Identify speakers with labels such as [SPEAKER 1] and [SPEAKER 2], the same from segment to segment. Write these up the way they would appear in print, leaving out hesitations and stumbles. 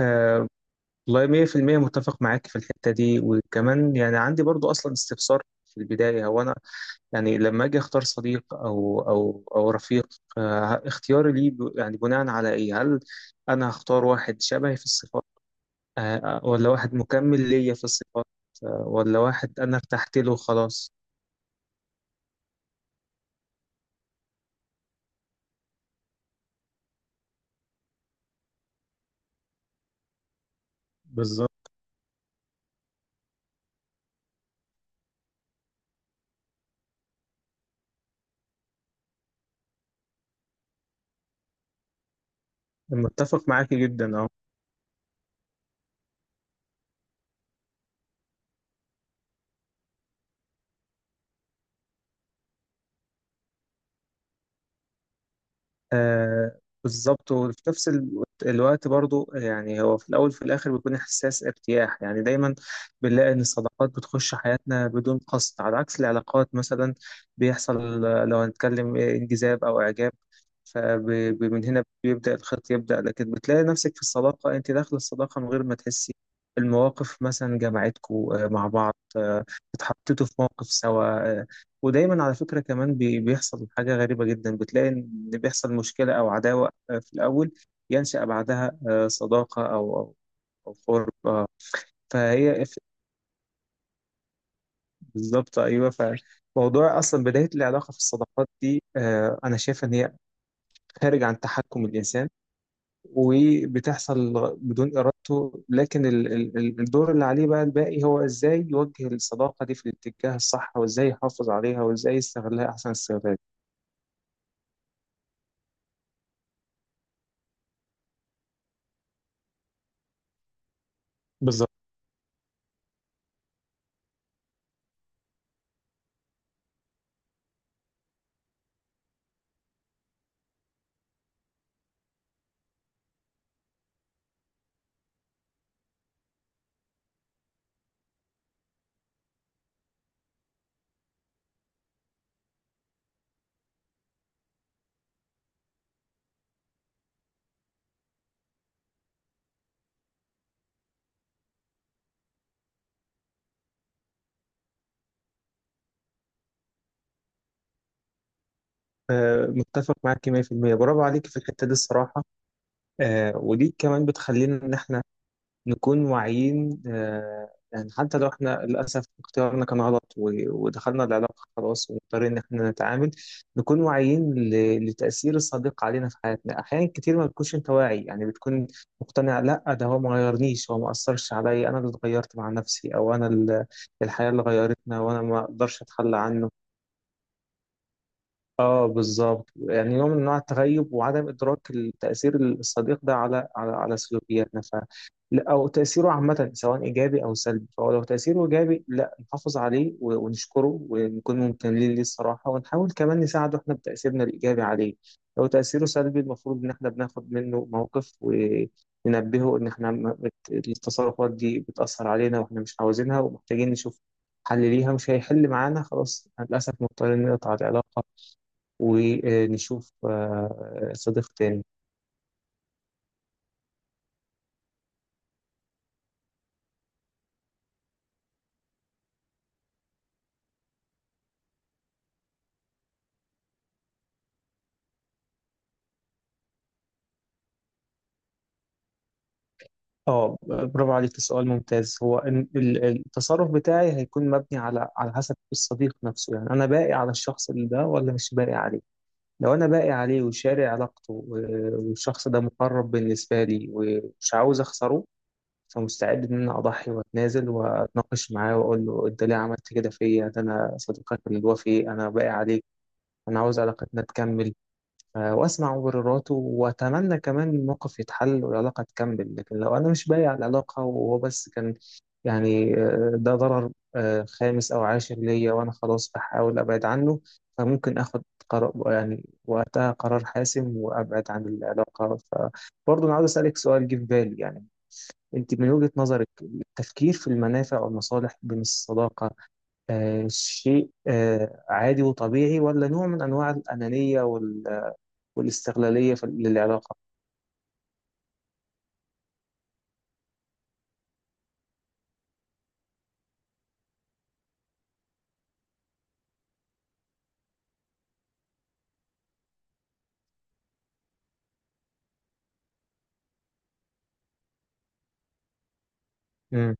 [SPEAKER 1] آه، والله 100% متفق معاك في الحتة دي، وكمان يعني عندي برضو أصلا استفسار في البداية. هو أنا يعني لما أجي أختار صديق أو رفيق، اختياري ليه يعني بناء على إيه؟ هل أنا هختار واحد شبهي في الصفات، ولا واحد مكمل ليا في الصفات، ولا واحد أنا ارتحت له خلاص؟ بالظبط، متفق معاك جدا. بالظبط. وفي نفس الوقت برضو، يعني هو في الأول وفي الآخر بيكون إحساس ارتياح. يعني دايما بنلاقي إن الصداقات بتخش حياتنا بدون قصد، على عكس العلاقات مثلا. بيحصل، لو هنتكلم، انجذاب أو إعجاب، فمن هنا بيبدأ الخط يبدأ. لكن بتلاقي نفسك في الصداقة، أنت داخل الصداقة من غير ما تحسي. المواقف مثلا جمعتكوا مع بعض. اتحطيتوا في موقف سوا. ودايما على فكرة كمان بيحصل حاجة غريبة جدا. بتلاقي إن بيحصل مشكلة أو عداوة في الأول، ينشأ بعدها صداقة أو أو قرب. فهي ف- بالظبط، أيوه. فموضوع أصلا بداية العلاقة في الصداقات دي، أنا شايف إن هي خارج عن تحكم الإنسان وبتحصل بدون إرادته. لكن الدور اللي عليه بقى الباقي، هو إزاي يوجه الصداقة دي في الاتجاه الصح، وإزاي يحافظ عليها، وإزاي يستغلها أحسن استغلال. بالظبط. متفق معاك 100%، برافو عليك في الحتة دي الصراحة. ودي كمان بتخلينا إن إحنا نكون واعيين. يعني حتى لو إحنا للأسف اختيارنا كان غلط، ودخلنا العلاقة خلاص ومضطرين إن إحنا نتعامل، نكون واعيين لتأثير الصديق علينا في حياتنا. أحيانا كتير ما بتكونش أنت واعي، يعني بتكون مقتنع، لأ ده هو ما غيرنيش، هو ما أثرش عليا، أنا اللي اتغيرت مع نفسي، أو أنا الحياة اللي غيرتنا، وأنا ما أقدرش أتخلى عنه. اه، بالظبط. يعني نوع من انواع التغيب وعدم ادراك التاثير، الصديق ده على سلوكياتنا. ف لا، او تاثيره عامه، سواء ايجابي او سلبي. فهو لو تاثيره ايجابي، لا نحافظ عليه، ونشكره، ونكون ممتنين ليه الصراحه، ونحاول كمان نساعده احنا بتاثيرنا الايجابي عليه. لو تاثيره سلبي، المفروض ان احنا بناخد منه موقف وننبهه ان احنا، التصرفات دي بتاثر علينا واحنا مش عاوزينها، ومحتاجين نشوف حل ليها. مش هيحل معانا، خلاص للاسف مضطرين نقطع العلاقه ونشوف صديق تاني. اه، برافو عليك، سؤال ممتاز. هو التصرف بتاعي هيكون مبني على حسب الصديق نفسه. يعني انا باقي على الشخص اللي ده، ولا مش باقي عليه؟ لو انا باقي عليه وشاري علاقته، والشخص ده مقرب بالنسبه لي ومش عاوز اخسره، فمستعد ان انا اضحي واتنازل واتناقش معاه، واقول له انت ليه عملت كده فيا؟ ده انا صديقك الوفي، انا باقي عليك، انا عاوز علاقتنا تكمل. واسمع مبرراته واتمنى كمان الموقف يتحل والعلاقه تكمل. لكن لو انا مش بايع العلاقه، وهو بس كان يعني ده ضرر خامس او عاشر ليا، وانا خلاص بحاول ابعد عنه، فممكن اخد قرار، يعني وقتها قرار حاسم، وابعد عن العلاقه. فبرضه انا عاوز اسالك سؤال جه في بالي يعني. انت من وجهه نظرك، التفكير في المنافع والمصالح بين الصداقه شيء عادي وطبيعي، ولا نوع من انواع الانانيه والاستغلالية للعلاقة؟ امم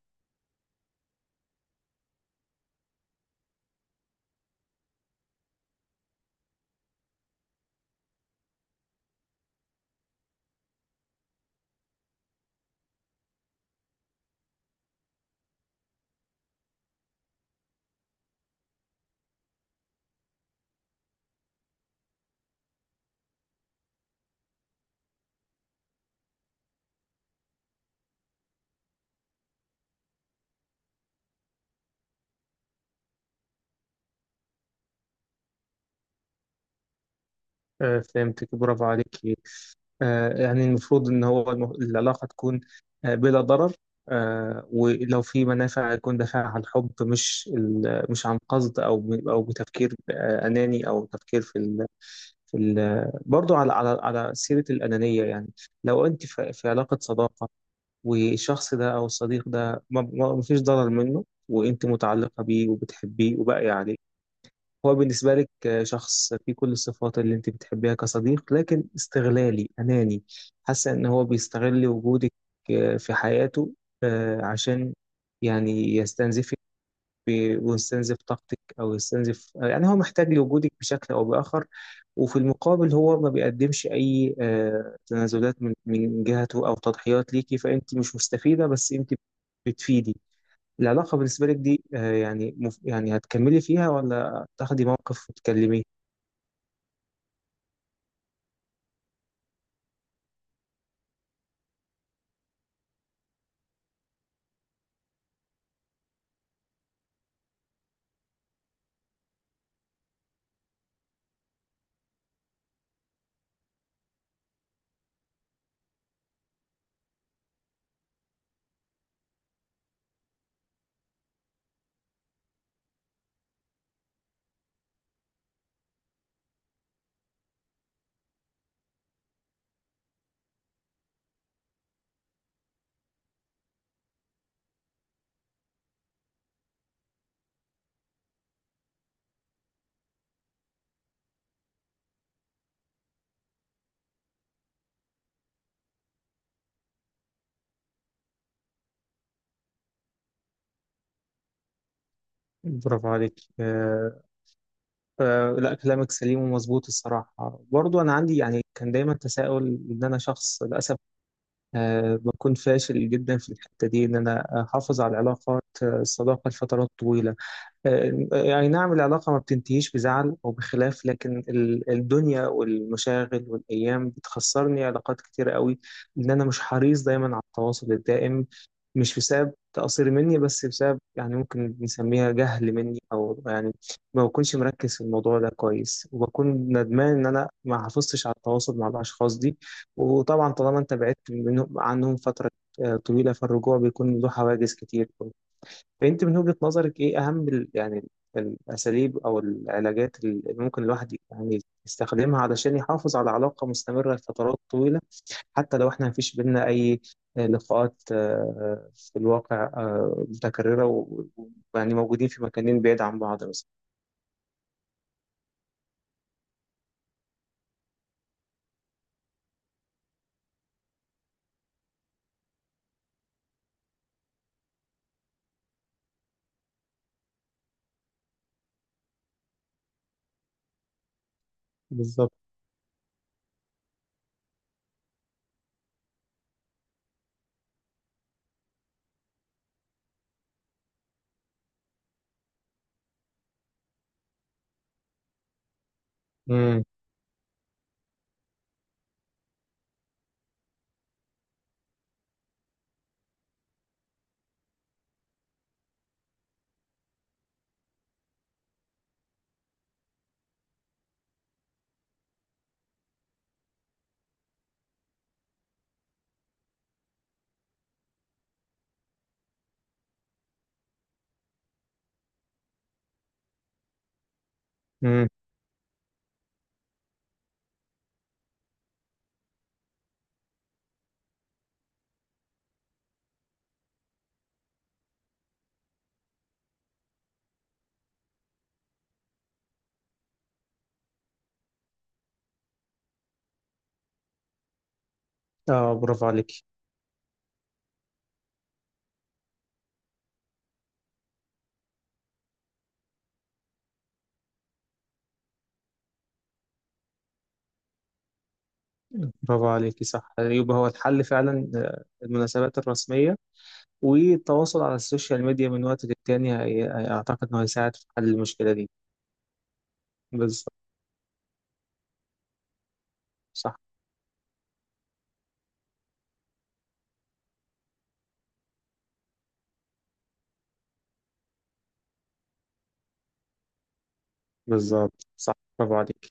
[SPEAKER 1] فهمتك، برافو عليكي. يعني المفروض ان هو العلاقه تكون بلا ضرر. ولو في منافع، يكون دافعها عن حب، مش مش عن قصد، او او بتفكير اناني، او تفكير في في ال برضه، على سيره الانانيه يعني. لو انت في علاقه صداقه، والشخص ده او الصديق ده ما فيش ضرر منه، وانت متعلقه بيه وبتحبيه وباقيه عليه، هو بالنسبة لك شخص فيه كل الصفات اللي انت بتحبيها كصديق، لكن استغلالي أناني. حاسة ان هو بيستغل وجودك في حياته، عشان يعني يستنزفك، ويستنزف طاقتك، او يستنزف، يعني هو محتاج لوجودك بشكل او بآخر. وفي المقابل هو ما بيقدمش اي تنازلات من جهته، او تضحيات ليكي. فانت مش مستفيدة، بس انت بتفيدي. العلاقة بالنسبة لك دي يعني يعني هتكملي فيها، ولا تاخدي موقف وتكلميه؟ برافو عليك. لا كلامك سليم ومظبوط الصراحة. برضو أنا عندي، يعني كان دايما تساؤل، إن أنا شخص للأسف بكون فاشل جدا في الحتة دي، إن أنا أحافظ على العلاقات الصداقة لفترات طويلة. يعني نعم العلاقة ما بتنتهيش بزعل أو بخلاف، لكن الدنيا والمشاغل والأيام بتخسرني علاقات كتيرة قوي، لأن أنا مش حريص دايما على التواصل الدائم. مش بسبب تقصير مني، بس بسبب يعني ممكن نسميها جهل مني، أو يعني ما بكونش مركز في الموضوع ده كويس، وبكون ندمان إن أنا ما حافظتش على التواصل مع الأشخاص دي. وطبعا طالما أنت بعدت منهم، عنهم فترة طويلة، فالرجوع بيكون له حواجز كتير. فانت من وجهة نظرك ايه اهم يعني الاساليب او العلاجات اللي ممكن الواحد يعني يستخدمها علشان يحافظ على علاقة مستمرة لفترات طويلة، حتى لو احنا مفيش بينا اي لقاءات في الواقع متكررة، و- ويعني موجودين في مكانين بعيد عن بعض مثلا؟ بالظبط. امم. امم. اه، برافو عليك. برافو عليك، صح. يبقى هو الحل فعلا المناسبات الرسمية، والتواصل على السوشيال ميديا من وقت للتاني، اعتقد انه هيساعد في حل المشكلة دي. بالظبط، صح. بالظبط، صح، برافو عليك.